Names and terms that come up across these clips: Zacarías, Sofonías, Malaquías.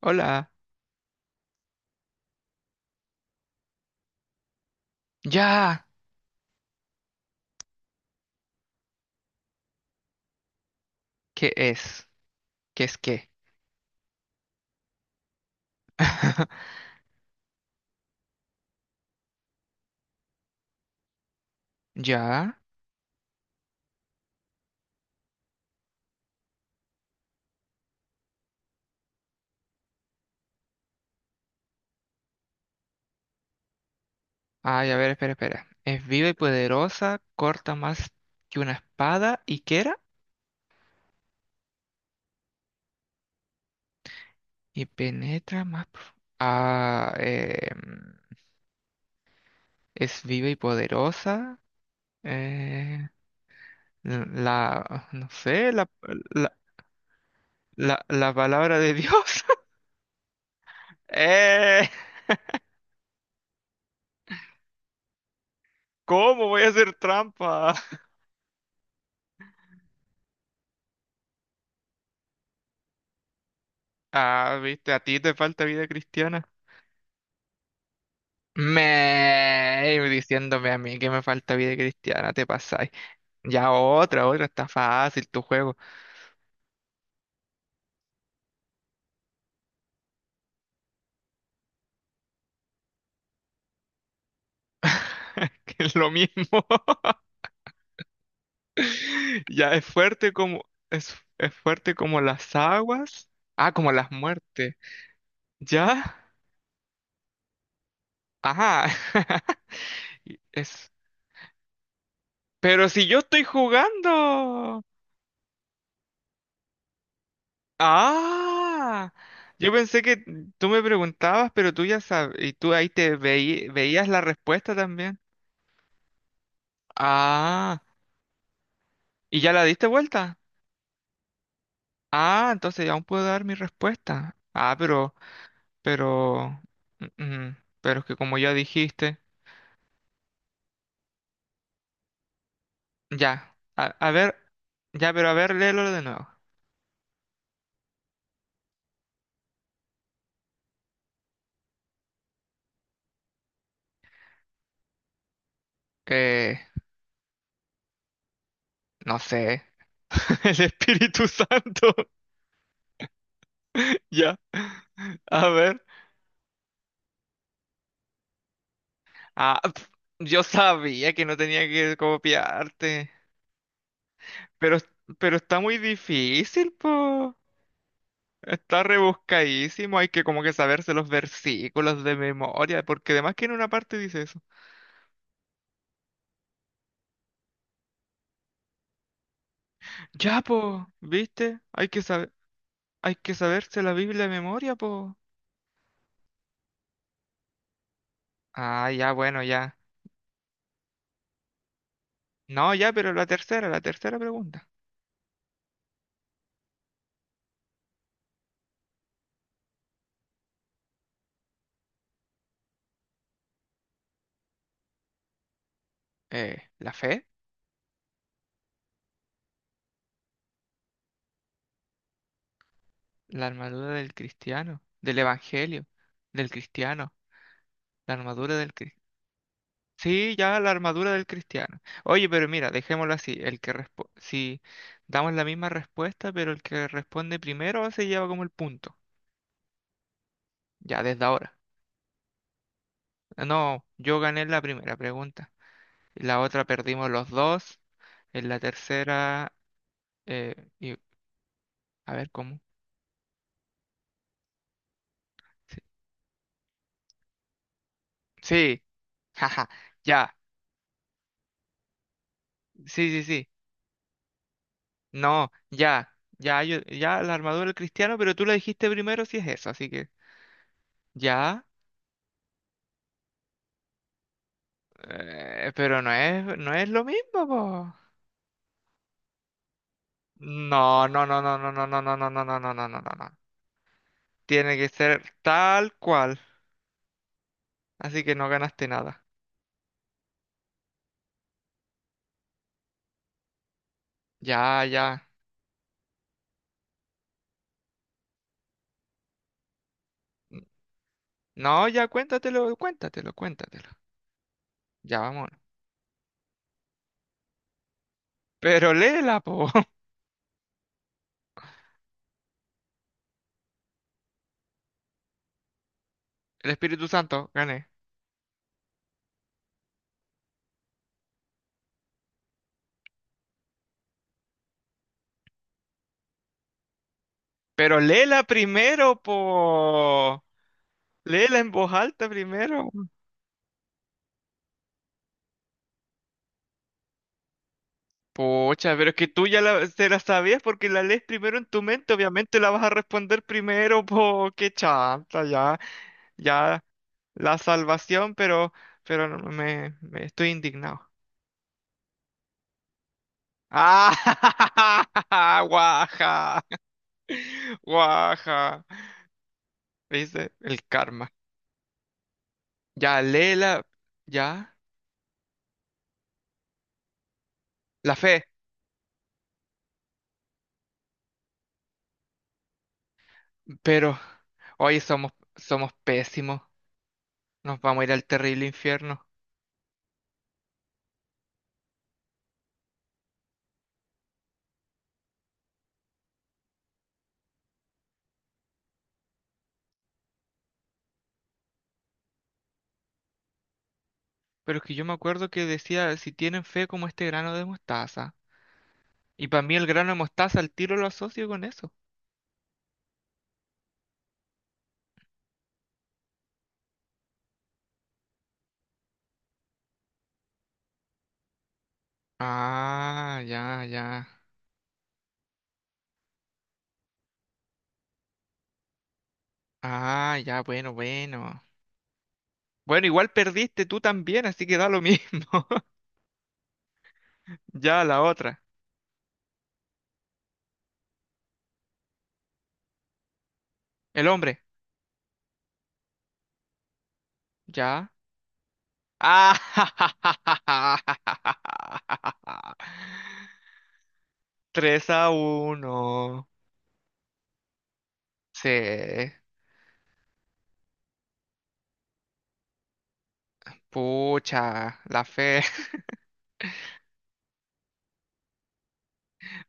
Hola. Ya. ¿Qué es? ¿Qué es qué? Ya. Ay, a ver, espera, espera. Es viva y poderosa, corta más que una espada, ¿y qué era? Y penetra más. Ah, eh, es viva y poderosa. eh, la, no sé, la, la palabra de Dios. Eh, ¿cómo voy a hacer trampa? Ah, viste, a ti te falta vida cristiana. Me Diciéndome a mí que me falta vida cristiana, te pasáis. Ya, otra, otra, está fácil tu juego. Que es lo mismo. Ya, es fuerte es fuerte como las aguas. Ah, como las muertes. ¿Ya? Ajá. Y Es. Pero si yo estoy jugando. Ah. Yo pensé que tú me preguntabas, pero tú ya sabes, y tú ahí te veías la respuesta también. Ah. ¿Y ya la diste vuelta? Ah, entonces ya aún puedo dar mi respuesta. Pero, pero es que como ya dijiste, ya, a ver, ya, pero a ver, léelo de nuevo. Eh, no sé, el Espíritu Santo. ya, a ver. ah, pf, yo sabía que no tenía que copiarte, pero, pero está muy difícil, po. Está rebuscadísimo, hay que como que saberse los versículos de memoria, porque además que en una parte dice eso. Ya, po, ¿viste? Hay que saber, hay que saberse la Biblia de memoria, po. Ah, ya, bueno, ya. No, ya, pero la tercera pregunta. ¿La fe? La armadura del cristiano, del evangelio, del cristiano, la armadura del cristiano. Sí, ya, la armadura del cristiano. Oye, pero mira, dejémoslo así. El que si damos la misma respuesta, pero el que responde primero se lleva como el punto. Ya desde ahora. Ah, no, yo gané la primera pregunta. La otra perdimos los dos. En la tercera, eh, y- a ver cómo. Sí, sí, jaja, ya. Sí, sí, sí. No, ya, ya, ya la armadura del cristiano, pero tú la dijiste primero si es eso, así que ya. Pero no es, no es lo mismo, po. No, no, no, no, no, no, no, no, no, no, no, no, no, no, no, no. Tiene que ser tal cual. Así que no ganaste nada. Ya, ya. No, ya cuéntatelo, cuéntatelo, cuéntatelo. Ya, vamos. Pero léela, po. El Espíritu Santo, gané. Pero léela primero, po. Léela en voz alta primero. Pocha, pero es que tú ya te la sabías porque la lees primero en tu mente, obviamente la vas a responder primero, po, qué chanta. Ya, ya, la salvación, pero no, me estoy indignado. ¡Ah! ¡Guaja! ¡Guaja! ¿Viste? El karma. Ya, Lela, ya, la fe, pero hoy somos, somos pésimos, nos vamos a ir al terrible infierno. Pero es que yo me acuerdo que decía, si tienen fe como este grano de mostaza. Y para mí el grano de mostaza al tiro lo asocio con eso. Ah, ya, ya. Ah, ya, bueno, bueno. Bueno, igual perdiste tú también, así que da lo mismo. Ya, la otra. El hombre. Ya. Ah, 3-1. Sí. Pucha, la fe.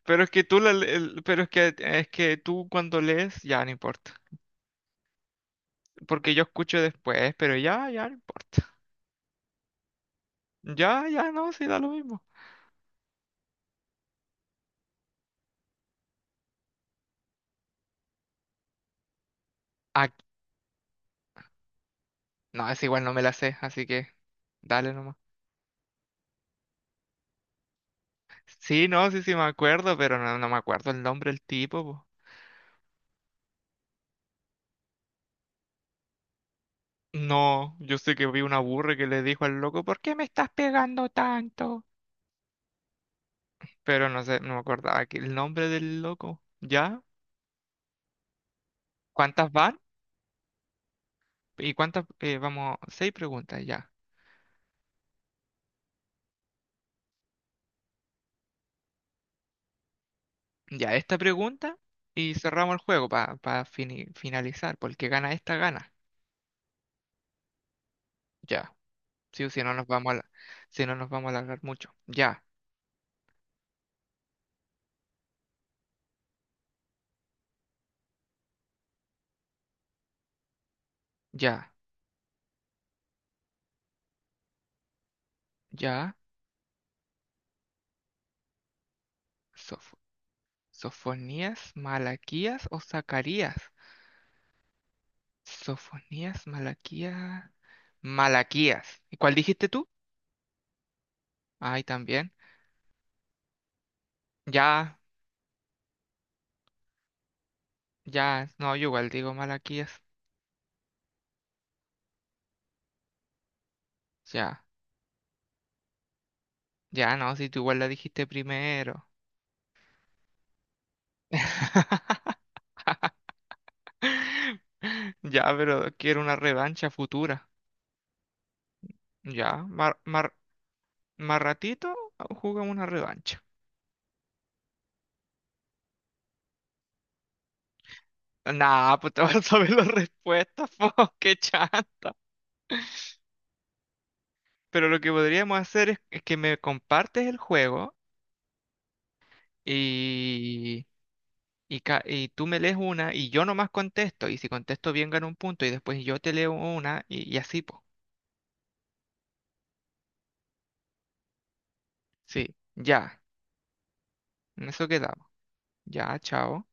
Pero es que tú pero es que tú cuando lees ya no importa, porque yo escucho después, pero ya ya no importa. Ya ya no, sí da lo mismo. Ah, no, es igual no me la sé, así que dale nomás. Sí, no, sí sí me acuerdo, pero no, no me acuerdo el nombre del tipo, po. No, yo sé que vi una burra que le dijo al loco, "¿Por qué me estás pegando tanto?" Pero no sé, no me acordaba que el nombre del loco. ¿Ya? ¿Cuántas van? ¿Y cuántas vamos? 6 preguntas ya. Ya, esta pregunta y cerramos el juego para finalizar, porque el que gana esta gana. Ya, sí, o si no nos vamos a, si no nos vamos a alargar mucho. Ya, ya, ya. Sof- Sofonías, Malaquías o Zacarías. Sofonías, Malaquías, Malaquías. ¿Y cuál dijiste tú? Ay, también. Ya, ya, no, yo igual digo Malaquías. Ya, ya, no, si tú igual la dijiste primero. Ya, pero quiero una revancha futura. Ya, más más ratito jugamos una revancha. Nah, pues te vas a saber las respuestas, po, qué chanta. Pero lo que podríamos hacer es que me compartes el juego y, y, y tú me lees una y yo nomás contesto. Y si contesto bien gano un punto y después yo te leo una y así, pues. Sí, ya, en eso quedamos. Ya, chao.